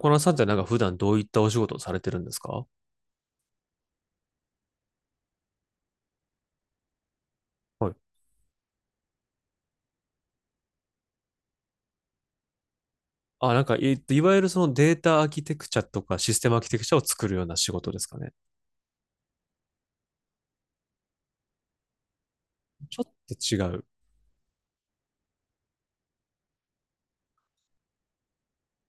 このさんってなんか普段どういったお仕事をされてるんですか？はい。あ、なんか、いわゆるそのデータアーキテクチャとかシステムアーキテクチャを作るような仕事ですかね。ちょっと違う。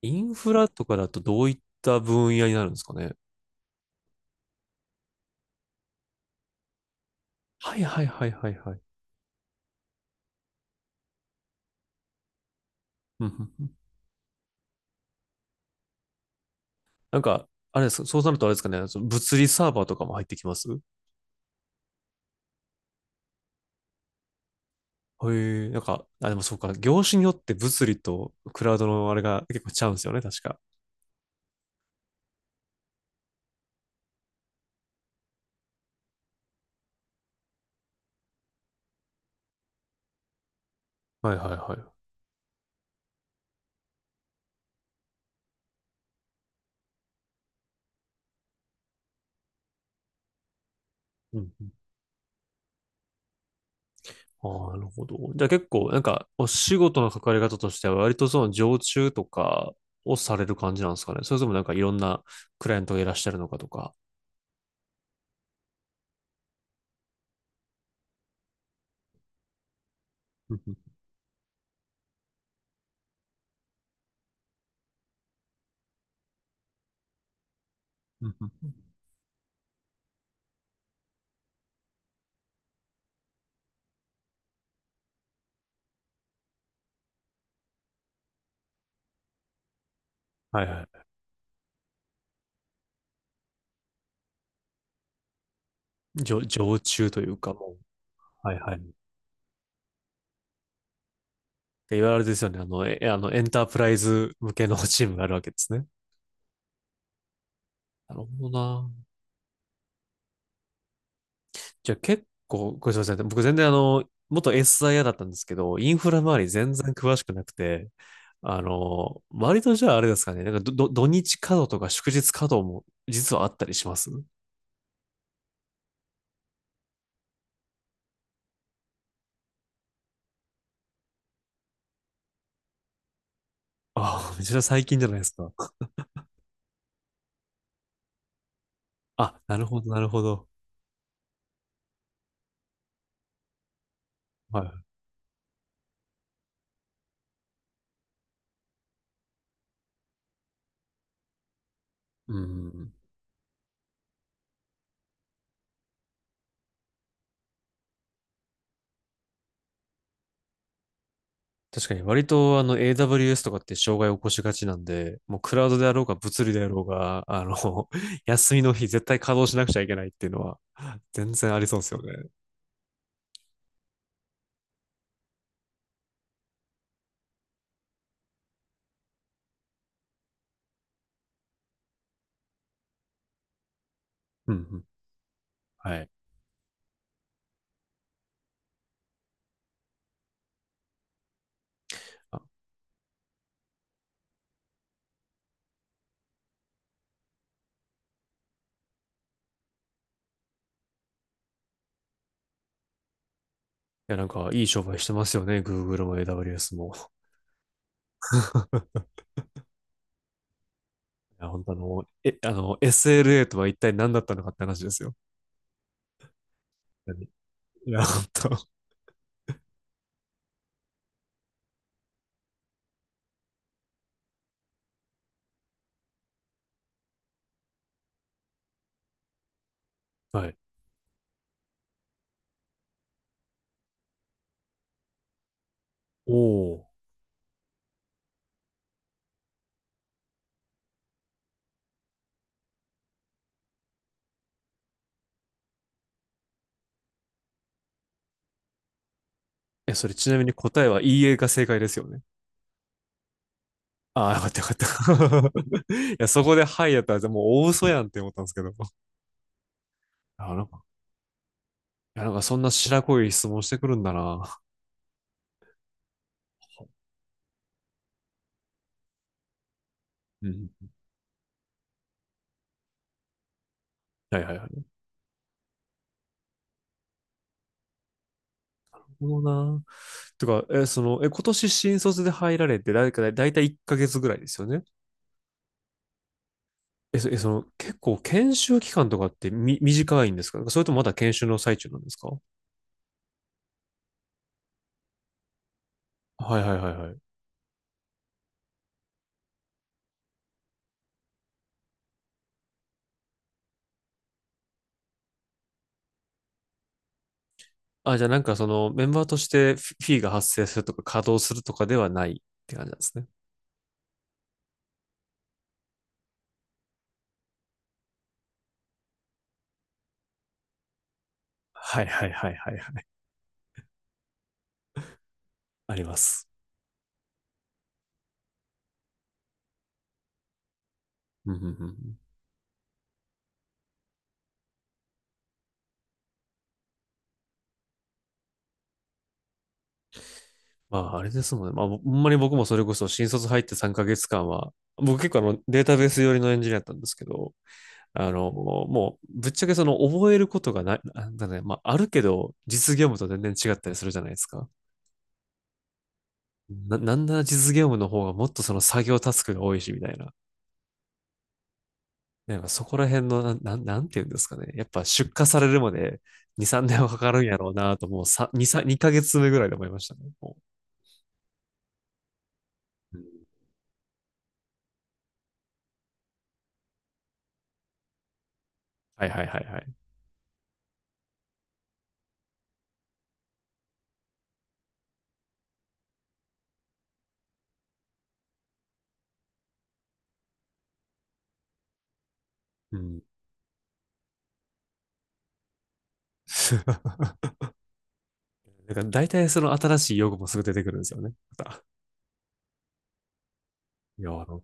インフラとかだとどういった分野になるんですかね。はいはいはいはいはい。うんうんうん。なんか、あれですか、そうなるとあれですかね、その物理サーバーとかも入ってきます？へ。え、なんか、あ、でもそうか、業種によって物理とクラウドのあれが結構ちゃうんですよね、確か。はいはいはい。うんうん。ああ、なるほど。じゃあ結構、なんか、お仕事の関わり方としては、割とその常駐とかをされる感じなんですかね。それともなんかいろんなクライアントがいらっしゃるのかとか。うんうんうんうん。はいはい。常駐というか、もう、はいはい。っていわゆるですよね。あの、あのエンタープライズ向けのチームがあるわけですね。なるほどな。じゃあ結構、ごめんなさい。僕全然あの、元 SIA だったんですけど、インフラ周り全然詳しくなくて、あの、割とじゃああれですかね、なんかど土日稼働とか祝日稼働も実はあったりします？ああ、めちゃ最近じゃないですか。あ、なるほど、なるほど。はい。うん。確かに割とあの AWS とかって障害を起こしがちなんで、もうクラウドであろうが物理であろうが、休みの日絶対稼働しなくちゃいけないっていうのは全然ありそうですよね。うんうん。はい。あ。いや、なんかいい商売してますよね。Google も AWS も。いや、本当あの、え、あの、SLA とは一体何だったのかって話ですよ。いや、本当。はい。おお。え、それちなみに答えは EA が正解ですよね。ああ、よかったよかった。いや、そこではいやったら、もう大嘘やんって思ったんですけど。あ、なんか、いや、なんかそんな白濃い質問してくるんだな。うん。はいはいはい。なるほどな。てか、え、その、え、今年新卒で入られて、だいたい1ヶ月ぐらいですよね。え、そえその、結構研修期間とかって短いんですか？それともまだ研修の最中なんですか？はいはいはいはい。あ、じゃあなんかその、メンバーとしてフィーが発生するとか、稼働するとかではないって感じなんですね。はいはいはいはいはい。あります。うんうんうんうん。まあ、あれですもんね。まあ、ほんまに僕もそれこそ新卒入って3ヶ月間は、僕結構あのデータベース寄りのエンジニアだったんですけど、あの、もう、ぶっちゃけその覚えることがない、なんだね、まあ、あるけど、実業務と全然違ったりするじゃないですか。なんなら実業務の方がもっとその作業タスクが多いし、みたいな。なんかそこら辺の、なんていうんですかね。やっぱ出荷されるまで2、3年はかかるんやろうなと、もうさ2、3、2ヶ月目ぐらいで思いましたね。もう。はいはいはいはい。うん。なんか大体その新しい用語もすぐ出てくるんですよね。また。いや、なん。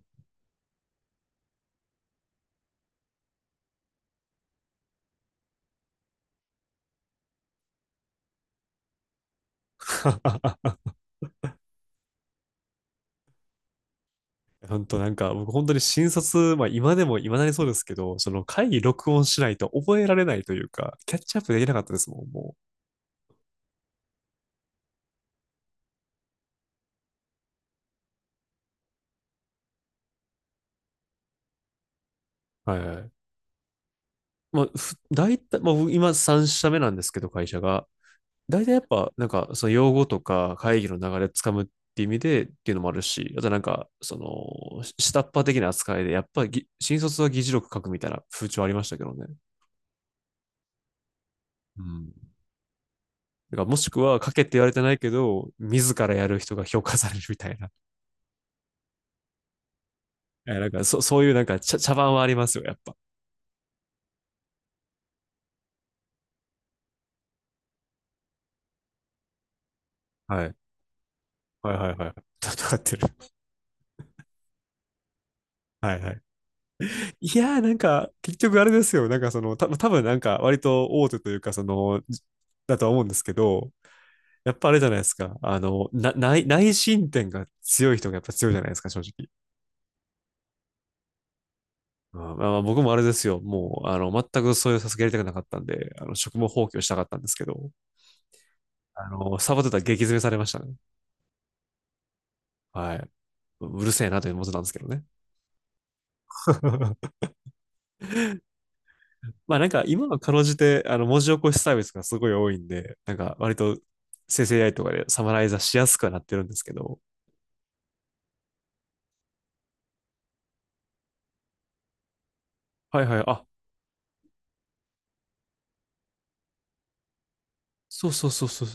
か 本当なんか、僕本当に新卒、まあ今でも今だにそうですけど、その会議録音しないと覚えられないというか、キャッチアップできなかったですもん、もう。はいはい。まあ、大体、まあ僕今3社目なんですけど、会社が。大体やっぱ、なんか、その用語とか会議の流れつかむっていう意味でっていうのもあるし、あとなんか、その、下っ端的な扱いで、やっぱり新卒は議事録書くみたいな風潮ありましたけどね。うん。だからもしくは、賭けって言われてないけど、自らやる人が評価されるみたいな。え、なんかそういうなんか茶番はありますよ、やっぱ。はい。はいはいはい。戦ってる。はいはい。いやー、なんか、結局あれですよ。なんかその、多分なんか、割と大手というか、その、だとは思うんですけど、やっぱあれじゃないですか。あの、内申点が強い人がやっぱ強いじゃないですか、正直。うん。まあまあ、僕もあれですよ。もう、あの、全くそういうさすがやりたくなかったんで、あの、職務放棄をしたかったんですけど、あの、サボってたら激詰めされましたね。はい。うるせえなという文字なんですけどね。まあなんか今はかろうじてあの文字起こしサービスがすごい多いんで、なんか割と生成 AI とかでサマライザーしやすくはなってるんですけど、はいはい、あ、そうそうそうそう、だ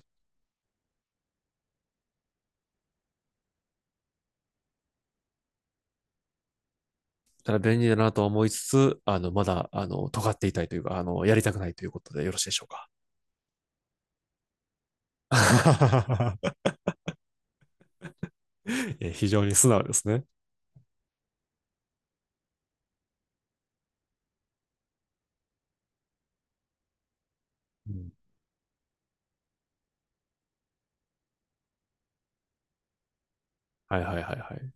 から便利だなとは思いつつ、あの、まだ、あの、尖っていたいというか、あの、やりたくないということでよろしいでしょうか。え、非常に素直ですね。うん。はいはいはいはい。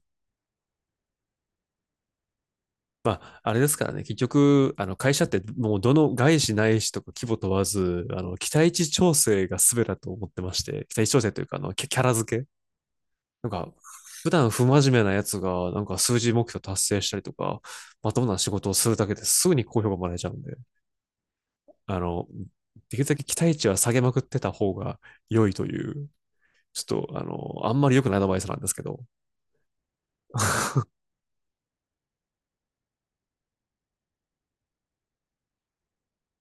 まあ、あれですからね、結局、あの会社ってもうどの外資ないしとか規模問わず、あの期待値調整が全てだと思ってまして、期待値調整というかあのキャラ付け、なんか、普段不真面目なやつがなんか数字目標達成したりとか、まともな仕事をするだけですぐに好評がもらえちゃうんで、あの、できるだけ期待値は下げまくってた方が良いという、ちょっとあの、あんまり良くないアドバイスなんですけど、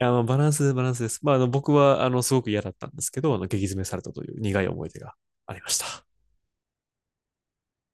あの、バランス、バランスです。まあ、あの、僕は、あの、すごく嫌だったんですけど、あの、激詰めされたという苦い思い出がありました。